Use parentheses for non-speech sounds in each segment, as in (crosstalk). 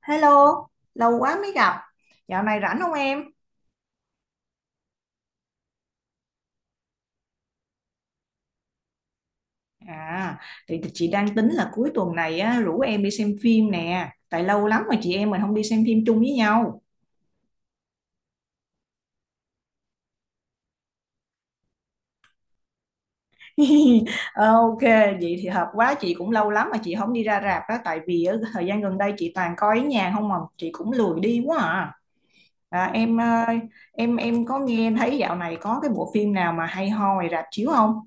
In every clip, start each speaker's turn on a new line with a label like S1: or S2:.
S1: Hello, lâu quá mới gặp. Dạo này rảnh không em? À, thì chị đang tính là cuối tuần này á, rủ em đi xem phim nè. Tại lâu lắm mà chị em mình không đi xem phim chung với nhau. (laughs) Ok, vậy thì hợp quá. Chị cũng lâu lắm mà chị không đi ra rạp á. Tại vì á, thời gian gần đây chị toàn coi ở nhà không mà chị cũng lười đi quá à. À, em có nghe thấy dạo này có cái bộ phim nào mà hay ho ngoài rạp chiếu không?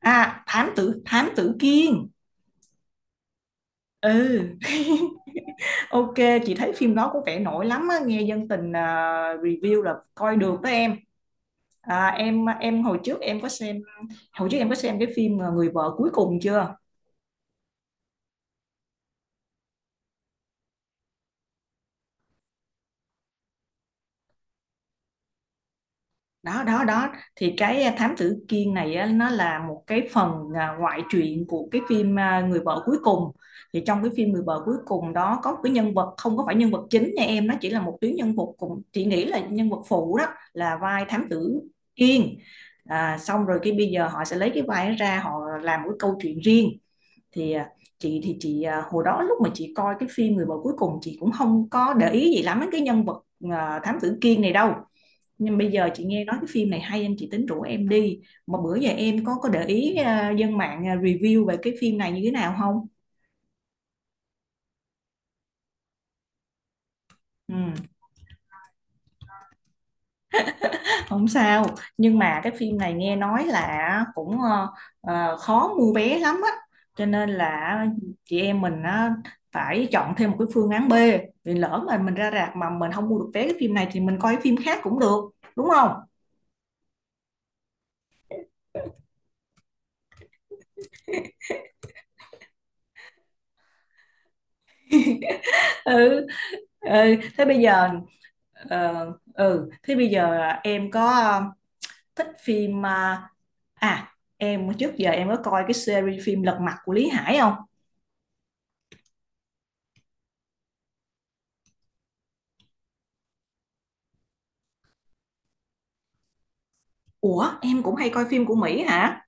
S1: À, Thám tử Kiên. Ừ. (laughs) Ok, chị thấy phim đó có vẻ nổi lắm á, nghe dân tình review là coi được đó em. À, hồi trước em có xem cái phim Người vợ cuối cùng chưa? Đó, đó, đó, thì cái thám tử Kiên này á, nó là một cái phần ngoại truyện của cái phim Người vợ cuối cùng. Thì trong cái phim Người vợ cuối cùng đó có một cái nhân vật không có phải nhân vật chính nha em, nó chỉ là một tuyến nhân vật, cùng chị nghĩ là nhân vật phụ đó, là vai thám tử Kiên. Xong rồi cái bây giờ họ sẽ lấy cái vai đó ra họ làm một cái câu chuyện riêng. Thì chị hồi đó lúc mà chị coi cái phim Người vợ cuối cùng chị cũng không có để ý gì lắm đến cái nhân vật thám tử Kiên này đâu. Nhưng bây giờ chị nghe nói cái phim này hay anh chị tính rủ em đi. Mà bữa giờ em có để ý dân mạng review về cái phim này như thế nào không? Ừ, không sao, nhưng mà cái phim này nghe nói là cũng khó mua vé lắm á, cho nên là chị em mình á, phải chọn thêm một cái phương án B. Vì lỡ mà mình ra rạp mà mình không mua được vé cái phim này thì mình coi cái phim khác cũng được, đúng không? Ừ, ừ thế bây giờ ờ, Ừ thế bây giờ em có thích phim. À, em trước giờ em có coi cái series phim Lật Mặt của Lý Hải không? Ủa, em cũng hay coi phim của Mỹ hả?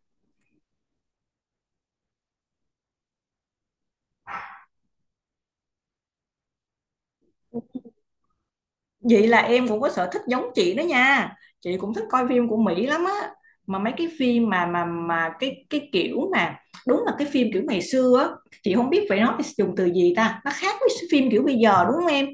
S1: Vậy là em cũng có sở thích giống chị đó nha. Chị cũng thích coi phim của Mỹ lắm á. Mà mấy cái phim mà cái kiểu mà đúng là cái phim kiểu ngày xưa á, chị không biết phải nói dùng từ gì ta. Nó khác với phim kiểu bây giờ đúng không em?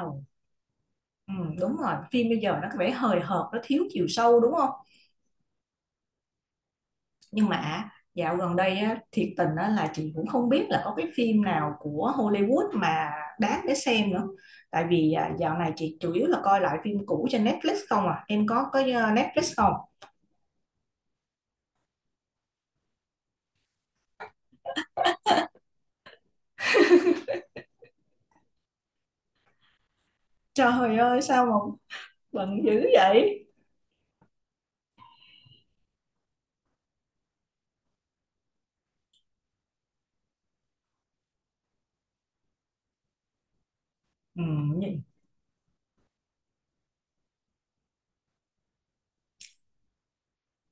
S1: Ồ, ừ, đúng rồi, phim bây giờ nó có vẻ hời hợt, nó thiếu chiều sâu đúng không? Nhưng mà dạo gần đây á, thiệt tình á, là chị cũng không biết là có cái phim nào của Hollywood mà đáng để xem nữa. Tại vì dạo này chị chủ yếu là coi lại phim cũ trên Netflix không. À, em có Netflix không? Trời ơi sao mà bận dữ vậy. Ừ.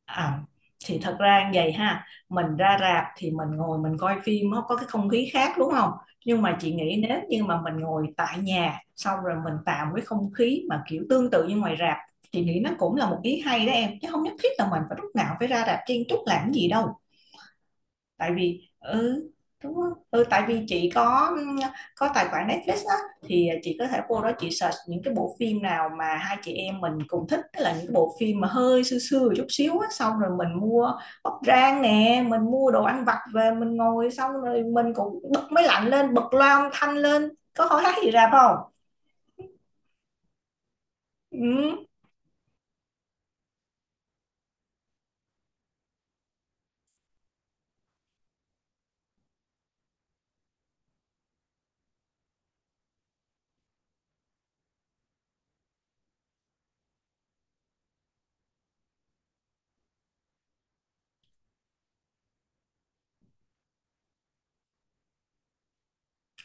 S1: À, thì thật ra như vậy ha, mình ra rạp thì mình ngồi mình coi phim nó có cái không khí khác đúng không. Nhưng mà chị nghĩ nếu như mà mình ngồi tại nhà xong rồi mình tạo cái không khí mà kiểu tương tự như ngoài rạp, chị nghĩ nó cũng là một ý hay đó em, chứ không nhất thiết là mình phải lúc nào phải ra rạp chen chúc làm cái gì đâu. Tại vì ừ, đúng không? Ừ, tại vì chị có tài khoản Netflix á, thì chị có thể vô đó chị search những cái bộ phim nào mà hai chị em mình cùng thích, tức là những cái bộ phim mà hơi xưa xưa một chút xíu á, xong rồi mình mua bắp rang nè, mình mua đồ ăn vặt về mình ngồi, xong rồi mình cũng bật máy lạnh lên, bật loa âm thanh lên. Có hỏi hát gì rạp không. Ừ.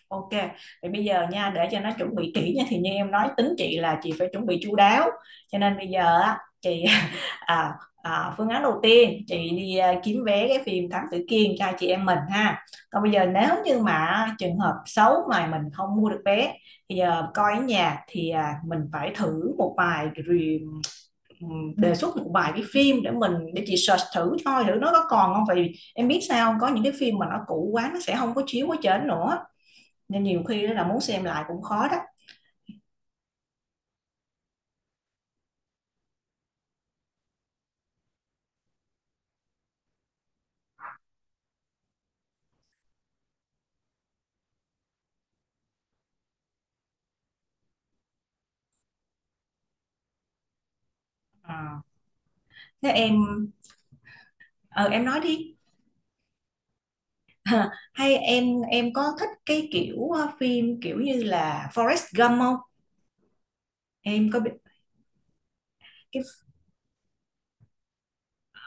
S1: Ok, thì bây giờ nha, để cho nó chuẩn bị kỹ nha, thì như em nói tính chị là chị phải chuẩn bị chu đáo, cho nên bây giờ á chị (laughs) à, phương án đầu tiên chị đi kiếm vé cái phim Thám Tử Kiên cho chị em mình ha. Còn bây giờ nếu như mà trường hợp xấu mà mình không mua được vé thì giờ coi ở nhà thì mình phải thử một vài review, đề xuất một vài cái phim để chị search thử coi thử nó có còn không. Vì em biết sao không? Có những cái phim mà nó cũ quá nó sẽ không có chiếu ở trên nữa nên nhiều khi đó là muốn xem lại cũng khó đó. Ờ. Thế em nói đi. Hay em có thích cái kiểu phim kiểu như là Forrest Gump không? Em có biết? cái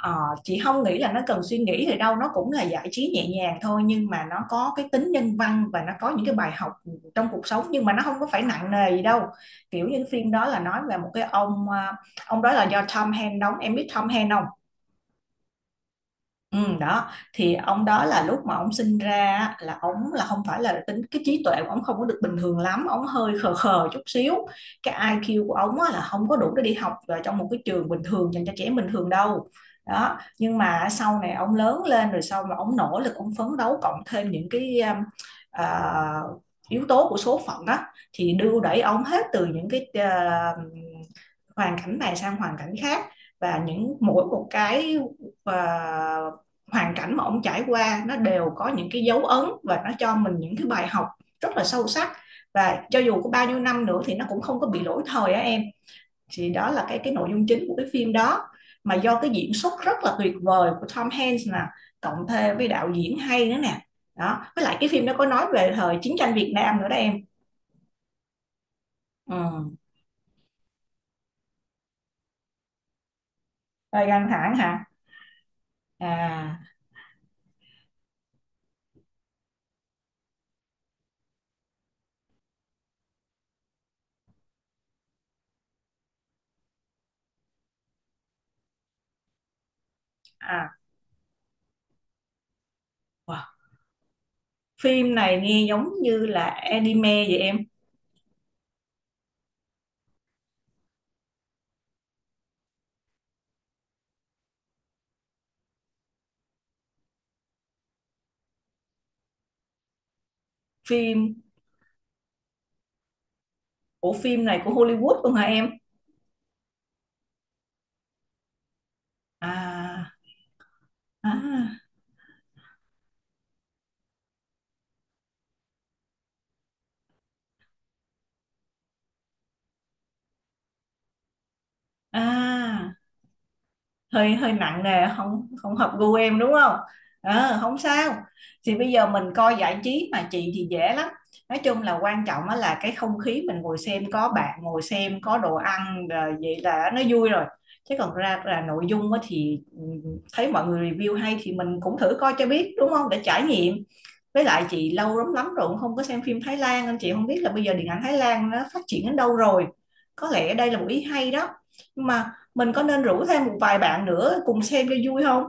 S1: ờ, chị không nghĩ là nó cần suy nghĩ thì đâu, nó cũng là giải trí nhẹ nhàng thôi nhưng mà nó có cái tính nhân văn và nó có những cái bài học trong cuộc sống, nhưng mà nó không có phải nặng nề gì đâu. Kiểu như cái phim đó là nói về một cái ông đó là do Tom Hanks đóng. Em biết Tom Hanks không? Ừ, đó, thì ông đó là lúc mà ông sinh ra á, là ông là không phải là tính cái trí tuệ của ông không có được bình thường lắm, ông hơi khờ khờ chút xíu. Cái IQ của ông á, là không có đủ để đi học vào trong một cái trường bình thường dành cho trẻ bình thường đâu. Đó, nhưng mà sau này ông lớn lên rồi, sau mà ông nỗ lực ông phấn đấu cộng thêm những cái à, yếu tố của số phận á, thì đưa đẩy ông hết từ những cái hoàn cảnh này sang hoàn cảnh khác. Và những mỗi một cái à, hoàn cảnh mà ông trải qua nó đều có những cái dấu ấn và nó cho mình những cái bài học rất là sâu sắc. Và cho dù có bao nhiêu năm nữa thì nó cũng không có bị lỗi thời á em. Thì đó là cái nội dung chính của cái phim đó, mà do cái diễn xuất rất là tuyệt vời của Tom Hanks nè, cộng thêm với đạo diễn hay nữa nè, đó với lại cái phim đó có nói về thời chiến tranh Việt Nam nữa đó em. Ừ. Hơi căng thẳng hả? À, à, wow. Phim này nghe giống như là anime vậy em? Phim của phim này của Hollywood luôn hả em? À, à, à, hơi hơi nặng nề, không không hợp gu em đúng không? Ờ, không sao. Thì bây giờ mình coi giải trí mà chị thì dễ lắm, nói chung là quan trọng á là cái không khí mình ngồi xem có bạn ngồi xem có đồ ăn rồi vậy là nó vui rồi, chứ còn ra là nội dung á thì ừ, thấy mọi người review hay thì mình cũng thử coi cho biết đúng không, để trải nghiệm. Với lại chị lâu lắm lắm rồi cũng không có xem phim Thái Lan nên chị không biết là bây giờ điện ảnh Thái Lan nó phát triển đến đâu rồi, có lẽ đây là một ý hay đó. Nhưng mà mình có nên rủ thêm một vài bạn nữa cùng xem cho vui không?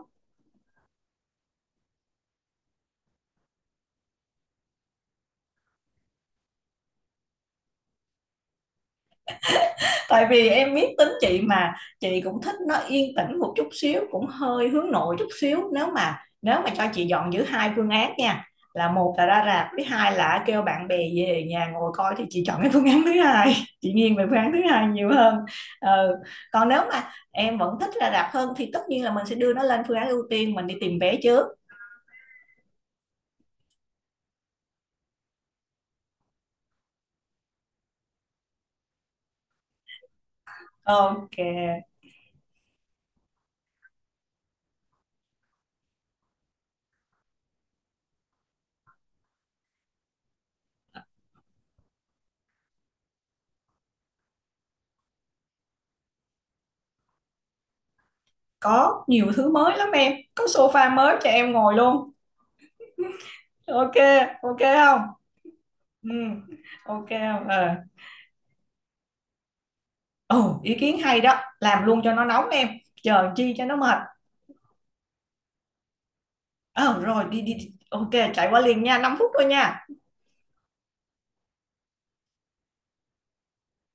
S1: Tại vì em biết tính chị mà, chị cũng thích nó yên tĩnh một chút xíu, cũng hơi hướng nội chút xíu. Nếu mà cho chị dọn giữ hai phương án nha, là một là ra rạp với hai là kêu bạn bè về nhà ngồi coi thì chị chọn cái phương án thứ hai. (laughs) Chị nghiêng về phương án thứ hai nhiều hơn. Ừ. Còn nếu mà em vẫn thích ra rạp hơn thì tất nhiên là mình sẽ đưa nó lên phương án ưu tiên, mình đi tìm vé trước. Ok. Có nhiều thứ mới lắm, em có sofa mới cho em ngồi luôn. Ok. Ok không? Ừ. Ok kê. Ờ. Ồ, ý kiến hay đó, làm luôn cho nó nóng em, chờ chi cho nó mệt. Ờ, rồi đi đi đi, ô chạy qua liền nha, 5 phút thôi nha.